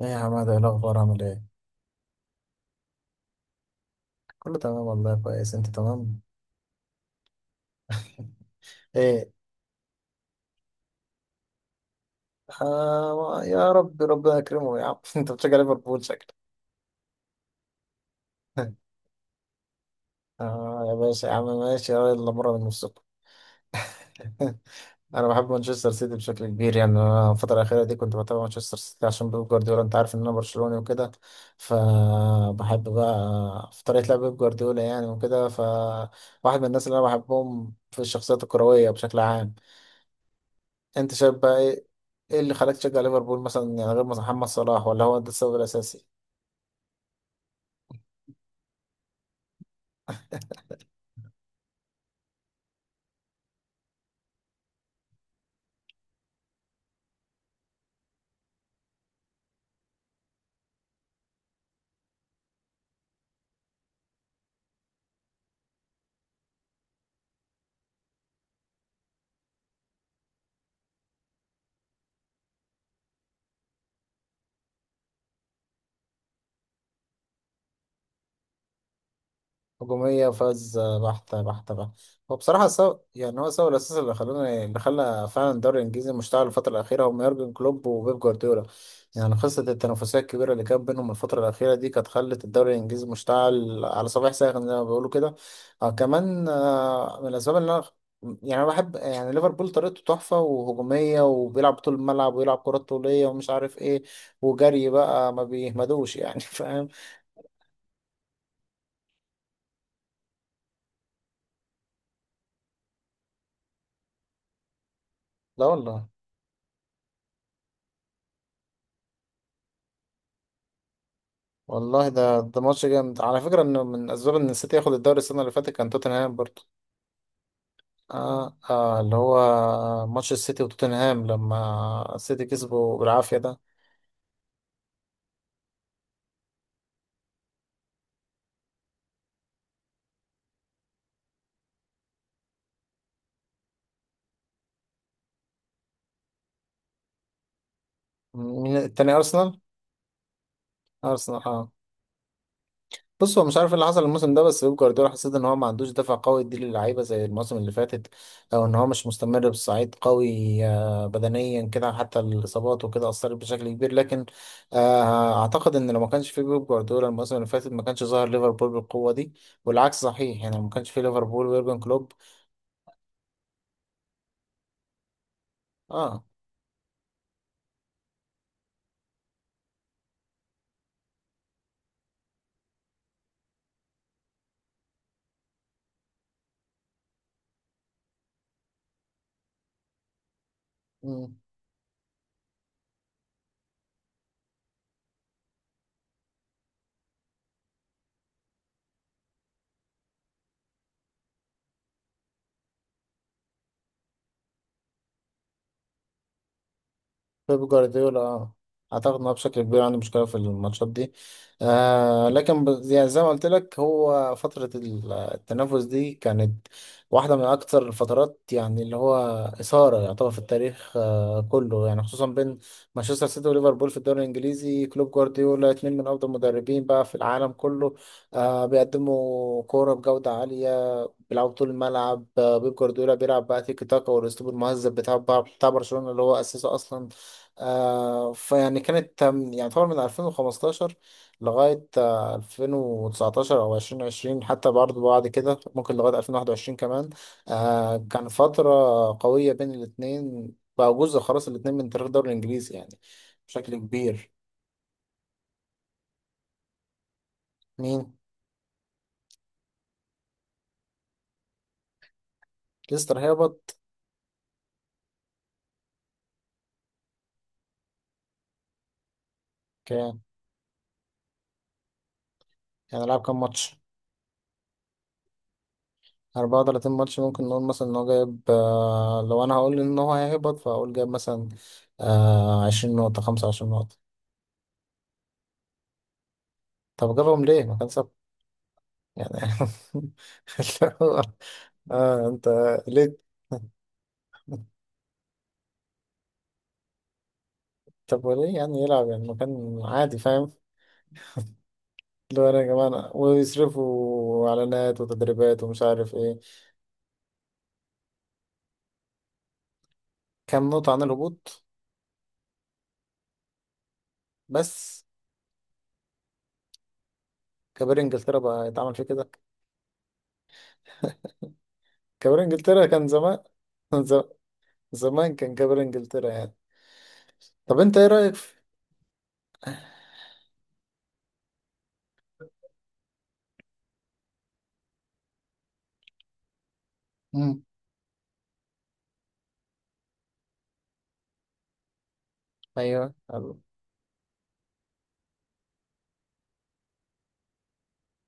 ايه يا حماده، ايه الاخبار؟ عامل ايه؟ كله تمام والله. كويس انت؟ تمام ايه. آه يا رب، ربنا يكرمه يا عم. انت بتشجع ليفربول شكلك. اه يا باشا يا عم ماشي يلا مره من نفسكم. انا بحب مانشستر سيتي بشكل كبير. يعني انا الفتره الاخيره دي كنت بتابع مانشستر سيتي عشان بيب جوارديولا. انت عارف ان انا برشلوني وكده، فبحب بقى في طريقه لعب بيب جوارديولا يعني وكده. فواحد من الناس اللي انا بحبهم في الشخصيات الكرويه بشكل عام. انت شايف بقى ايه؟ ايه اللي خلاك تشجع ليفربول مثلا يعني غير محمد صلاح؟ ولا هو ده السبب الاساسي؟ هجومية، فاز بحتة بحتة بحتة. هو بصراحة سو، يعني هو سبب الأساس اللي خلاني، اللي خلى فعلا الدوري الإنجليزي مشتعل الفترة الأخيرة، هم يورجن كلوب وبيب جوارديولا. يعني قصة التنافسية الكبيرة اللي كانت بينهم الفترة الأخيرة دي، كانت خلت الدوري الإنجليزي مشتعل على صباح ساخن زي ما بيقولوا كده. آه كمان من الأسباب اللي أنا يعني أنا بحب يعني ليفربول، طريقته تحفة وهجومية، وبيلعب طول الملعب ويلعب كرات طولية ومش عارف إيه، وجري بقى ما بيهمدوش يعني. فاهم؟ لا والله. والله ده ده ماتش جامد على فكرة. انه من اسباب ان السيتي ياخد الدوري السنة اللي فاتت كان توتنهام برضه. اللي هو ماتش السيتي وتوتنهام لما السيتي كسبوا بالعافية ده. مين التاني؟ ارسنال؟ ارسنال اه. بص، هو مش عارف إيه اللي حصل الموسم ده، بس بيب جوارديولا حسيت ان هو ما عندوش دفع قوي يدي للعيبه زي الموسم اللي فاتت، او ان هو مش مستمر بصعيد قوي. بدنيا كده حتى الاصابات وكده اثرت بشكل كبير، لكن اعتقد ان لو ما كانش في بيب جوارديولا الموسم اللي فاتت ما كانش ظهر ليفربول بالقوه دي. والعكس صحيح، يعني لو ما كانش في ليفربول ويورجن كلوب. اه. بيب جوارديولا اه. اعتقد انه بشكل كبير عنده مشكله في الماتشات دي. آه لكن يعني زي ما قلت لك، هو فتره التنافس دي كانت واحده من اكثر الفترات يعني اللي هو اثاره يعتبر في التاريخ آه كله، يعني خصوصا بين مانشستر سيتي وليفربول في الدوري الانجليزي. كلوب جوارديولا اتنين من افضل المدربين بقى في العالم كله. آه، بيقدموا كوره بجوده عاليه، بيلعبوا طول الملعب. بيب جوارديولا بيلعب بقى تيكي تاكا والاسلوب المهذب بتاع بتاع برشلونة اللي هو اسسه اصلا. آه، فيعني كانت يعني طبعا من 2015 لغاية 2019 أو 2020، حتى برضه بعد كده ممكن لغاية 2021 كمان. آه كان فترة قوية بين الاتنين. بقى جزء خلاص الاتنين من تاريخ الدوري الإنجليزي يعني بشكل كبير. مين؟ ليستر هبط؟ كان يعني لعب كام ماتش؟ 34 ماتش. ممكن نقول مثلا ان هو جايب لو انا هقول ان هو هيهبط فاقول جايب مثلا 20 نقطة، 25 نقطة. طب جابهم ليه؟ ما كان سبب يعني. اللي هو، اه انت ليه؟ طب وليه يعني يلعب يعني مكان عادي؟ فاهم؟ اللي هو انا يا جماعة ويصرفوا اعلانات وتدريبات ومش عارف ايه. كام نقطة عن الهبوط؟ بس. كبار انجلترا بقى يتعمل فيه كده. كبار انجلترا كان زمان. ز- زمان كان كبار انجلترا يعني. طب انت ايه رأيك في؟ ايوه حلو.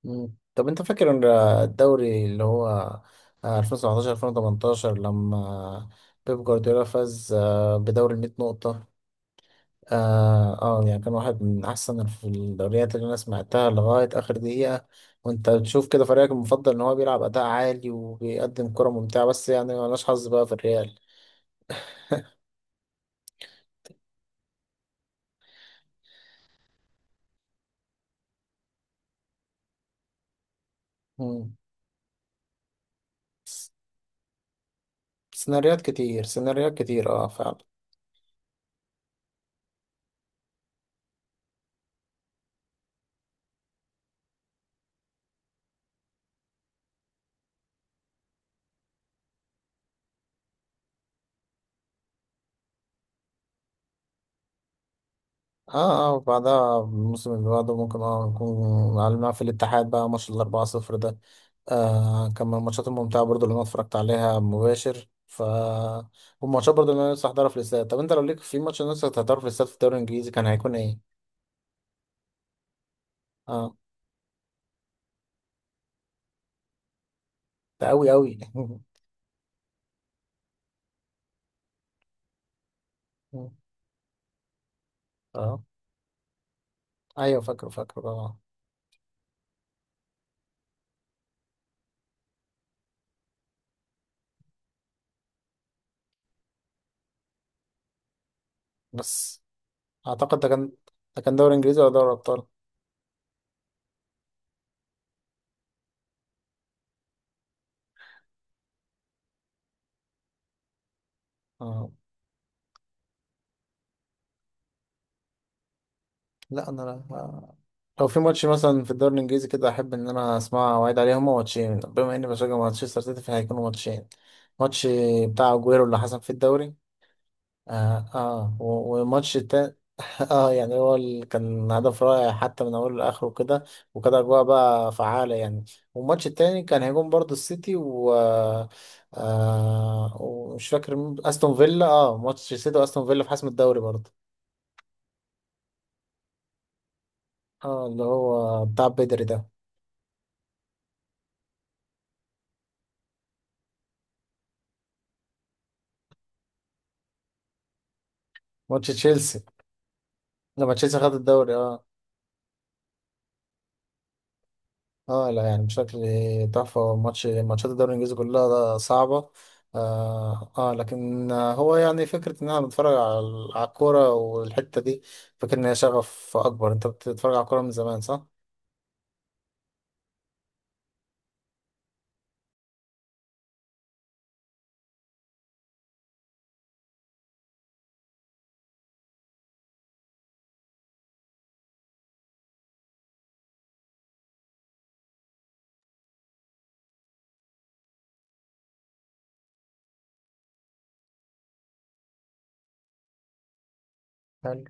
مم. طب انت فاكر ان الدوري اللي هو 2017 2018 لما بيب جوارديولا فاز بدوري ال 100 نقطة؟ يعني كان واحد من احسن في الدوريات اللي انا سمعتها لغاية اخر دقيقة. وانت بتشوف كده فريقك المفضل ان هو بيلعب اداء عالي وبيقدم كرة ممتعة. بس يعني ملناش حظ بقى في الريال. مم. س- سيناريوهات كتير، سيناريوهات كتير اه فعلا. اه اه. وبعدها الموسم اللي بعده ممكن اه نكون على في الاتحاد بقى، ماتش الأربعة صفر ده آه كان من الماتشات الممتعة برضو اللي أنا اتفرجت عليها مباشر. ف والماتشات برضو اللي أنا لسه هحضرها في الاستاد، طب أنت لو ليك في ماتش لسه هتحضره في الاستاد في الدوري الإنجليزي، كان هيكون إيه؟ اه. ده أوي أوي. اه. أيوه فاكره فاكره اه. بس أعتقد ده كان، ده كان دوري إنجليزي ولا دوري أبطال؟ اه. لا انا. لا. لو في ماتش مثلا في الدوري الانجليزي كده احب ان انا اسمع واعيد عليه، هما ماتشين، بما اني بشجع مانشستر سيتي فهيكونوا ماتشين. ماتش بتاع اجويرو اللي حصل في الدوري. والماتش التاني. اه يعني هو اللي كان هدف رائع حتى من اوله لاخره كده. وكانت اجواء بقى فعاله يعني. والماتش التاني كان هيكون برضه السيتي و آه، ومش فاكر استون فيلا اه. ماتش السيتي واستون فيلا في حسم الدوري برضه. اه اللي هو بتاع بدري ده. ماتش تشيلسي لما تشيلسي خد الدوري اه. اه لا يعني بشكل تحفة. ماتش، ماتشات الدوري الانجليزي كلها صعبة. لكن هو يعني فكرة ان احنا بنتفرج على على الكورة والحتة دي، فاكر ان هي شغف اكبر. انت بتتفرج على الكورة من زمان صح؟ حلو.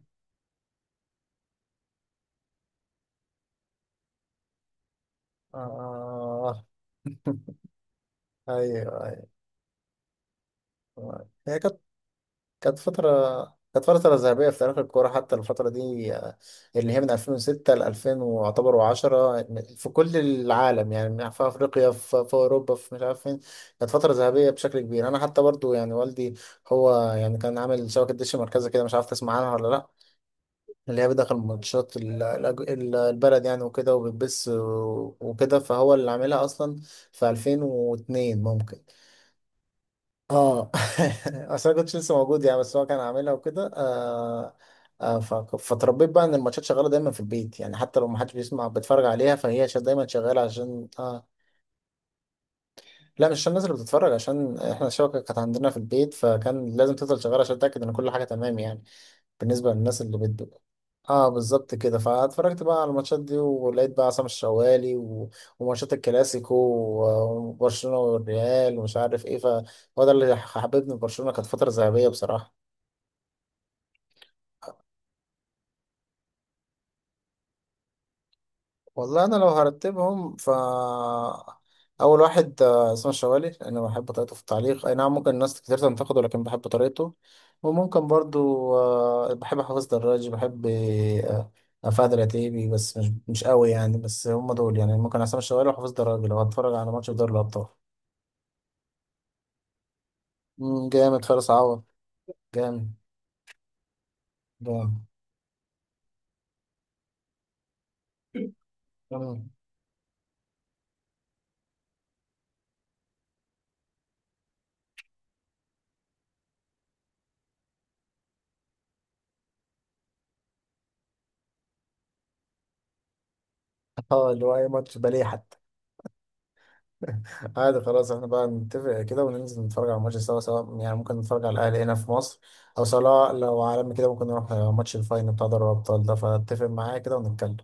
آه. ايوه ايوه هي كانت كانت فترة كانت فترة ذهبية في تاريخ الكورة حتى الفترة دي آه، اللي هي من 2006 ل 2010 في كل العالم يعني من- في أفريقيا في, في أوروبا في مش عارف فين كانت فترة ذهبية بشكل كبير أنا حتى برضو يعني والدي هو يعني كان عامل شبكة دش مركزة كده مش عارف تسمع عنها ولا لأ اللي هي بيدخل ماتشات ال- الأج- ال- البلد يعني وكده وبتبث و- وكده فهو اللي عاملها أصلا في 2002 ممكن اه اصل انا كنتش لسه موجود يعني بس هو كان عاملها وكده آه آه ف- فتربيت بقى ان الماتشات شغاله دايما في البيت يعني حتى لو ما حدش بيسمع بيتفرج عليها فهي شا- دايما شغاله عشان آه، لا مش عشان الناس اللي بتتفرج عشان احنا الشبكه كانت عندنا في البيت فكان لازم تفضل شغاله عشان اتاكد ان كل حاجه تمام يعني بالنسبه للناس اللي بت اه بالظبط كده فاتفرجت بقى على الماتشات دي ولقيت بقى عصام الشوالي و... وماتشات الكلاسيكو و- وبرشلونه والريال ومش عارف ايه فهو ده اللي حببني في برشلونه كانت فتره ذهبيه بصراحه والله انا لو هرتبهم ف اول واحد آه، اسمه الشوالي لان بحب طريقته في التعليق اي نعم ممكن الناس كتير تنتقده لكن بحب طريقته وممكن برضو آه، بحب حافظ دراج بحب آه، آه، فهد العتيبي بس مش مش قوي يعني بس هم دول يعني ممكن عصام الشوالي وحافظ دراج لو هتفرج على ماتش في دوري الابطال مم، جامد فارس عوض جامد جامد مم. اه اللي هو اي ماتش بليه حتى عادي خلاص احنا بقى نتفق كده وننزل نتفرج على الماتش سوا سواء يعني ممكن نتفرج على الأهلي هنا في مصر أو سواء لو عالمي كده ممكن نروح ماتش الفاينل بتاع دوري الأبطال ده فاتفق معايا كده ونتكلم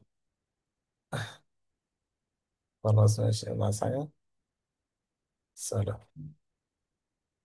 خلاص ماشي يلا عايز حاجة سلام